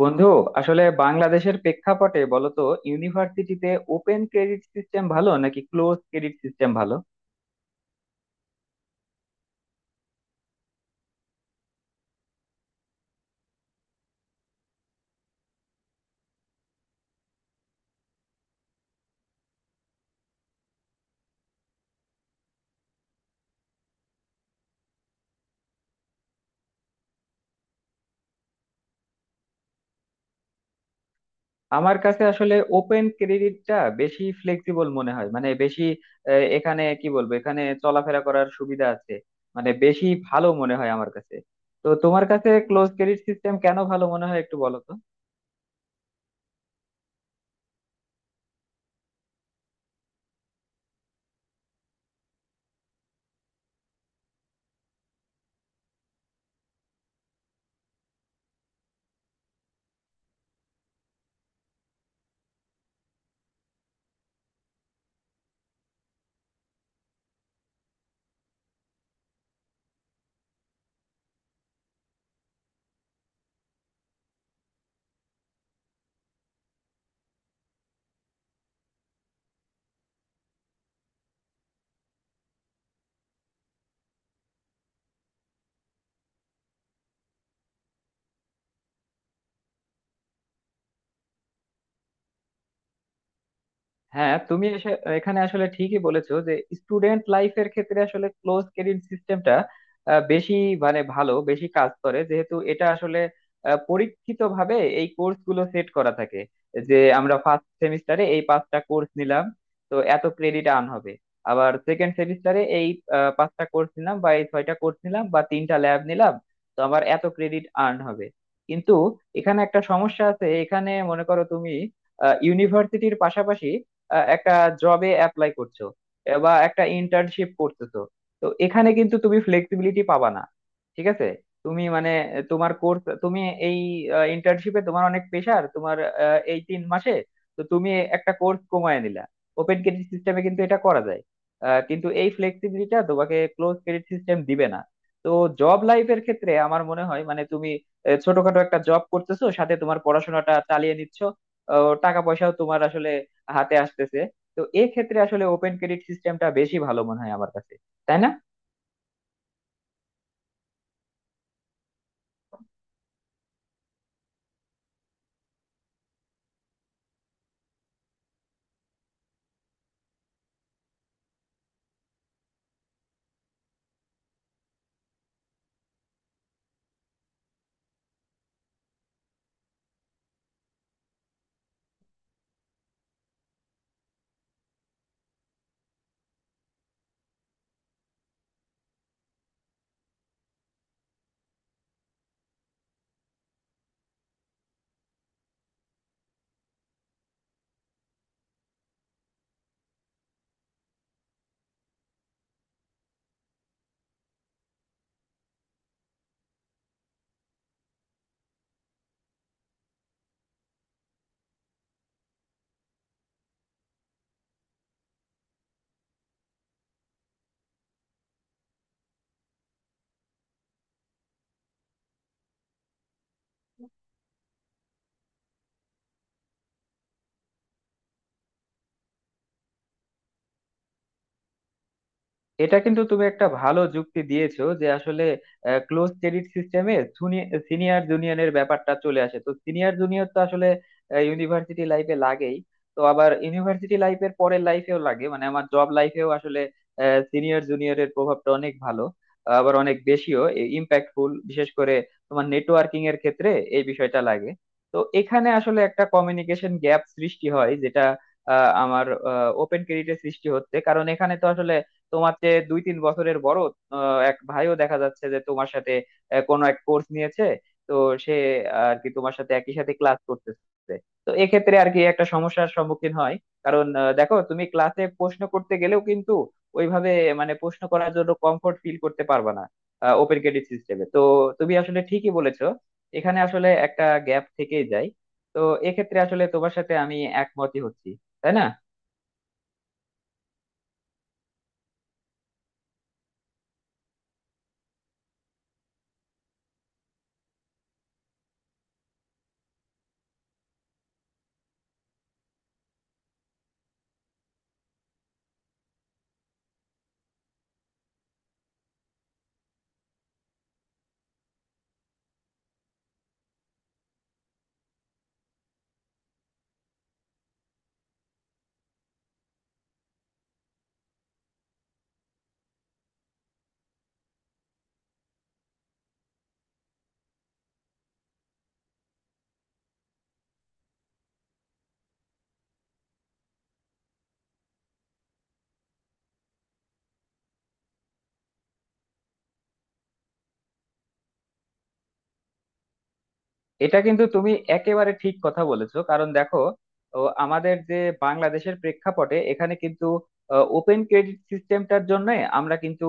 বন্ধু, আসলে বাংলাদেশের প্রেক্ষাপটে বলতো ইউনিভার্সিটিতে ওপেন ক্রেডিট সিস্টেম ভালো নাকি ক্লোজ ক্রেডিট সিস্টেম ভালো? আমার কাছে আসলে ওপেন ক্রেডিটটা বেশি ফ্লেক্সিবল মনে হয়, মানে বেশি এখানে কি বলবো, এখানে চলাফেরা করার সুবিধা আছে। মানে বেশি ভালো মনে হয় আমার কাছে। তো তোমার কাছে ক্লোজ ক্রেডিট সিস্টেম কেন ভালো মনে হয়, একটু বলো তো। হ্যাঁ, তুমি এখানে আসলে ঠিকই বলেছো যে স্টুডেন্ট লাইফের ক্ষেত্রে আসলে ক্লোজ ক্রেডিট সিস্টেমটা বেশি, মানে ভালো বেশি কাজ করে, যেহেতু এটা আসলে পরীক্ষিত ভাবে এই কোর্স গুলো সেট করা থাকে। যে আমরা ফার্স্ট সেমিস্টারে এই পাঁচটা কোর্স নিলাম, তো এত ক্রেডিট আর্ন হবে। আবার সেকেন্ড সেমিস্টারে এই পাঁচটা কোর্স নিলাম বা এই ছয়টা কোর্স নিলাম বা তিনটা ল্যাব নিলাম, তো আমার এত ক্রেডিট আর্ন হবে। কিন্তু এখানে একটা সমস্যা আছে। এখানে মনে করো তুমি ইউনিভার্সিটির পাশাপাশি একটা জবে অ্যাপ্লাই করছো বা একটা ইন্টার্নশিপ করতেছো। তো এখানে কিন্তু তুমি ফ্লেক্সিবিলিটি পাবা না, ঠিক আছে? তুমি মানে তোমার কোর্স, তুমি এই ইন্টার্নশিপে তোমার অনেক প্রেশার তোমার এই 3 মাসে, তো তুমি একটা কোর্স কমায় নিলা। ওপেন ক্রেডিট সিস্টেমে কিন্তু এটা করা যায়। কিন্তু এই ফ্লেক্সিবিলিটিটা তোমাকে ক্লোজ ক্রেডিট সিস্টেম দিবে না। তো জব লাইফের ক্ষেত্রে আমার মনে হয়, মানে তুমি ছোটখাটো একটা জব করতেছো, সাথে তোমার পড়াশোনাটা চালিয়ে নিচ্ছ, টাকা পয়সাও তোমার আসলে হাতে আসতেছে। তো এক্ষেত্রে আসলে ওপেন ক্রেডিট সিস্টেমটা বেশি ভালো মনে হয় আমার কাছে, তাই না? এটা কিন্তু তুমি একটা ভালো যুক্তি দিয়েছো, যে আসলে ক্লোজ ক্রেডিট সিস্টেমে সিনিয়র জুনিয়রের ব্যাপারটা চলে আসে। তো সিনিয়র জুনিয়র তো আসলে ইউনিভার্সিটি লাইফে লাগেই। তো আবার ইউনিভার্সিটি লাইফের পরের লাইফেও লাগে, মানে আমার জব লাইফেও আসলে সিনিয়র জুনিয়রের প্রভাবটা অনেক ভালো, আবার অনেক বেশিও ইম্প্যাক্টফুল, বিশেষ করে তোমার নেটওয়ার্কিং এর ক্ষেত্রে এই বিষয়টা লাগে। তো এখানে আসলে একটা কমিউনিকেশন গ্যাপ সৃষ্টি হয়, যেটা আমার ওপেন ক্রেডিটে সৃষ্টি হচ্ছে, কারণ এখানে তো আসলে তোমার যে 2-3 বছরের বড় এক ভাইও দেখা যাচ্ছে যে তোমার সাথে কোনো এক কোর্স নিয়েছে। তো সে আর কি তোমার সাথে একই সাথে ক্লাস করতেছে। তো এক্ষেত্রে আর কি একটা সমস্যার সম্মুখীন হয়, কারণ দেখো, তুমি ক্লাসে প্রশ্ন করতে গেলেও কিন্তু ওইভাবে, মানে প্রশ্ন করার জন্য কমফোর্ট ফিল করতে পারবে না ওপেন ক্রেডিট সিস্টেমে। তো তুমি আসলে ঠিকই বলেছো। এখানে আসলে একটা গ্যাপ থেকেই যায়। তো এক্ষেত্রে আসলে তোমার সাথে আমি একমতই হচ্ছি, তাই না? এটা কিন্তু তুমি একেবারে ঠিক কথা বলেছো, কারণ দেখো, আমাদের যে বাংলাদেশের প্রেক্ষাপটে এখানে কিন্তু ওপেন ক্রেডিট সিস্টেমটার জন্য আমরা কিন্তু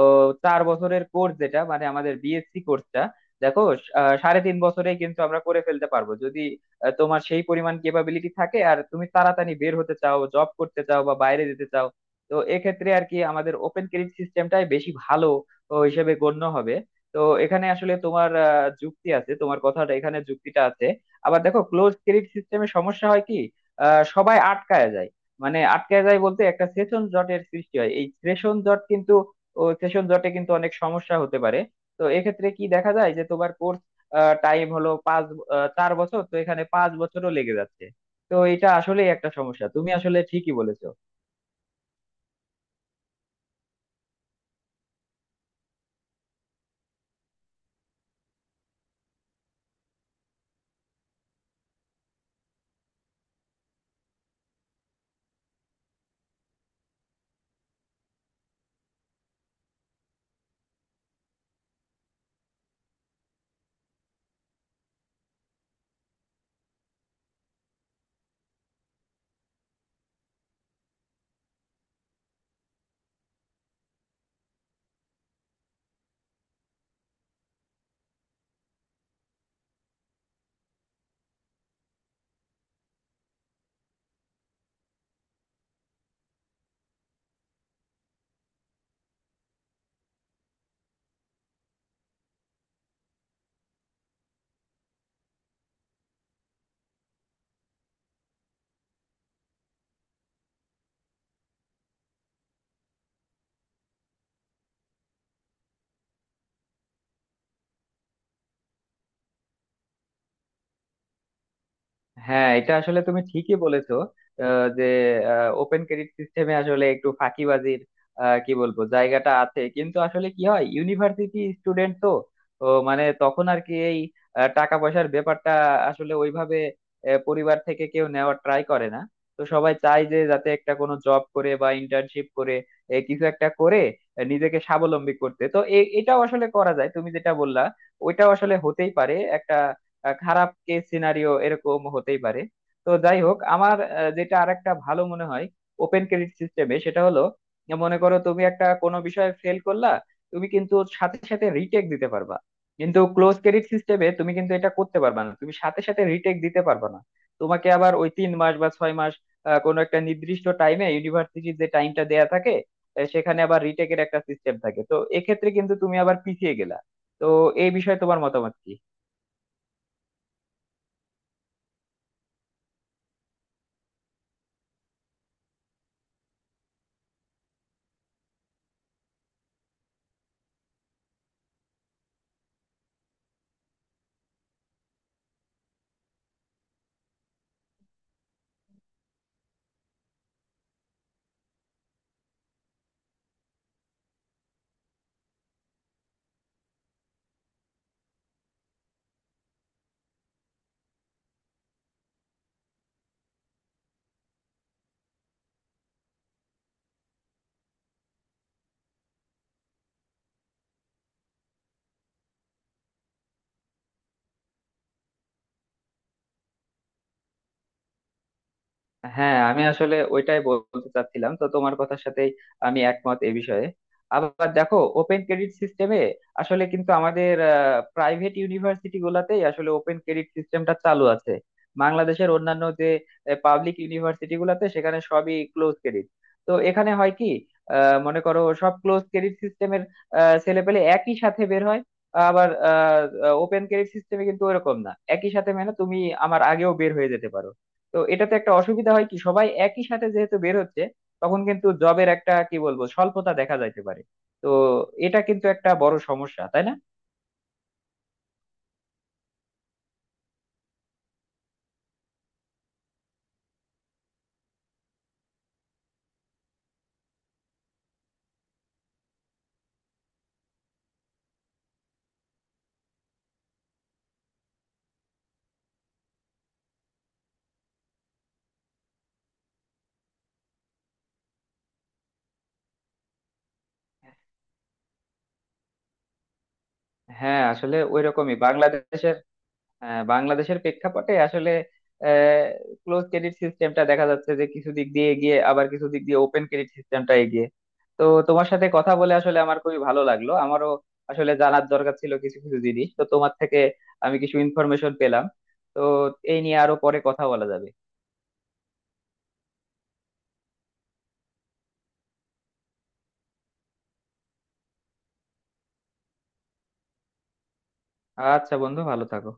4 বছরের কোর্স, যেটা মানে আমাদের বিএসসি কোর্সটা। দেখো, সাড়ে 3 বছরেই কিন্তু আমরা করে ফেলতে পারবো, যদি তোমার সেই পরিমাণ কেপাবিলিটি থাকে, আর তুমি তাড়াতাড়ি বের হতে চাও, জব করতে চাও বা বাইরে যেতে চাও। তো এক্ষেত্রে আর কি আমাদের ওপেন ক্রেডিট সিস্টেমটাই বেশি ভালো হিসেবে গণ্য হবে। তো এখানে আসলে তোমার যুক্তি আছে, তোমার কথাটা এখানে যুক্তিটা আছে। আবার দেখো ক্লোজ ক্রেডিট সিস্টেমে সমস্যা হয় কি, সবাই আটকায় যায়। মানে আটকায় যায় বলতে একটা সেশন জটের সৃষ্টি হয়, এই সেশন জট কিন্তু সেশন জটে কিন্তু অনেক সমস্যা হতে পারে। তো এক্ষেত্রে কি দেখা যায়, যে তোমার কোর্স টাইম হলো 4 বছর, তো এখানে 5 বছরও লেগে যাচ্ছে। তো এটা আসলেই একটা সমস্যা, তুমি আসলে ঠিকই বলেছো। হ্যাঁ, এটা আসলে তুমি ঠিকই বলেছো যে ওপেন ক্রেডিট সিস্টেমে আসলে একটু ফাঁকিবাজির কি বলবো, জায়গাটা আছে। কিন্তু আসলে কি হয়, ইউনিভার্সিটি স্টুডেন্ট তো। তো মানে তখন আর কি এই টাকা পয়সার ব্যাপারটা আসলে ওইভাবে পরিবার থেকে কেউ নেওয়ার ট্রাই করে না। তো সবাই চায় যে যাতে একটা কোনো জব করে বা ইন্টার্নশিপ করে, কিছু একটা করে নিজেকে স্বাবলম্বী করতে। তো এটাও আসলে করা যায়, তুমি যেটা বললা। ওইটাও আসলে হতেই পারে একটা খারাপ কেস সিনারিও, এরকম হতেই পারে। তো যাই হোক, আমার যেটা আরেকটা ভালো মনে হয় ওপেন ক্রেডিট সিস্টেমে, সেটা হলো মনে করো, তুমি একটা কোনো বিষয়ে ফেল করলা। তুমি কিন্তু সাথে সাথে রিটেক দিতে পারবা। কিন্তু ক্লোজ ক্রেডিট সিস্টেমে তুমি কিন্তু এটা করতে পারবা না, তুমি সাথে সাথে রিটেক দিতে পারবা না। তোমাকে আবার ওই 3 মাস বা 6 মাস, কোনো একটা নির্দিষ্ট টাইমে, ইউনিভার্সিটির যে টাইমটা দেয়া থাকে, সেখানে আবার রিটেকের একটা সিস্টেম থাকে, তো এক্ষেত্রে কিন্তু তুমি আবার পিছিয়ে গেলা। তো এই বিষয়ে তোমার মতামত কি? হ্যাঁ, আমি আসলে ওইটাই বলতে চাচ্ছিলাম। তো তোমার কথার সাথেই আমি একমত এ বিষয়ে। আবার দেখো ওপেন ক্রেডিট সিস্টেমে আসলে কিন্তু আমাদের প্রাইভেট ইউনিভার্সিটি গুলাতেই আসলে ওপেন ক্রেডিট সিস্টেমটা চালু আছে। বাংলাদেশের অন্যান্য যে পাবলিক ইউনিভার্সিটি গুলাতে, সেখানে সবই ক্লোজ ক্রেডিট। তো এখানে হয় কি, মনে করো সব ক্লোজ ক্রেডিট সিস্টেমের ছেলেপেলে একই সাথে বের হয়। আবার ওপেন ক্রেডিট সিস্টেমে কিন্তু ওরকম না একই সাথে, মানে তুমি আমার আগেও বের হয়ে যেতে পারো। তো এটাতে একটা অসুবিধা হয় কি, সবাই একই সাথে যেহেতু বের হচ্ছে, তখন কিন্তু জবের একটা কি বলবো স্বল্পতা দেখা যাইতে পারে। তো এটা কিন্তু একটা বড় সমস্যা, তাই না? হ্যাঁ, আসলে ওইরকমই বাংলাদেশের প্রেক্ষাপটে আসলে ক্লোজ ক্রেডিট সিস্টেমটা দেখা যাচ্ছে যে কিছু দিক দিয়ে এগিয়ে, আবার কিছু দিক দিয়ে ওপেন ক্রেডিট সিস্টেমটা এগিয়ে। তো তোমার সাথে কথা বলে আসলে আমার খুবই ভালো লাগলো। আমারও আসলে জানার দরকার ছিল কিছু কিছু জিনিস, তো তোমার থেকে আমি কিছু ইনফরমেশন পেলাম। তো এই নিয়ে আরো পরে কথা বলা যাবে। আচ্ছা বন্ধু, ভালো থাকো।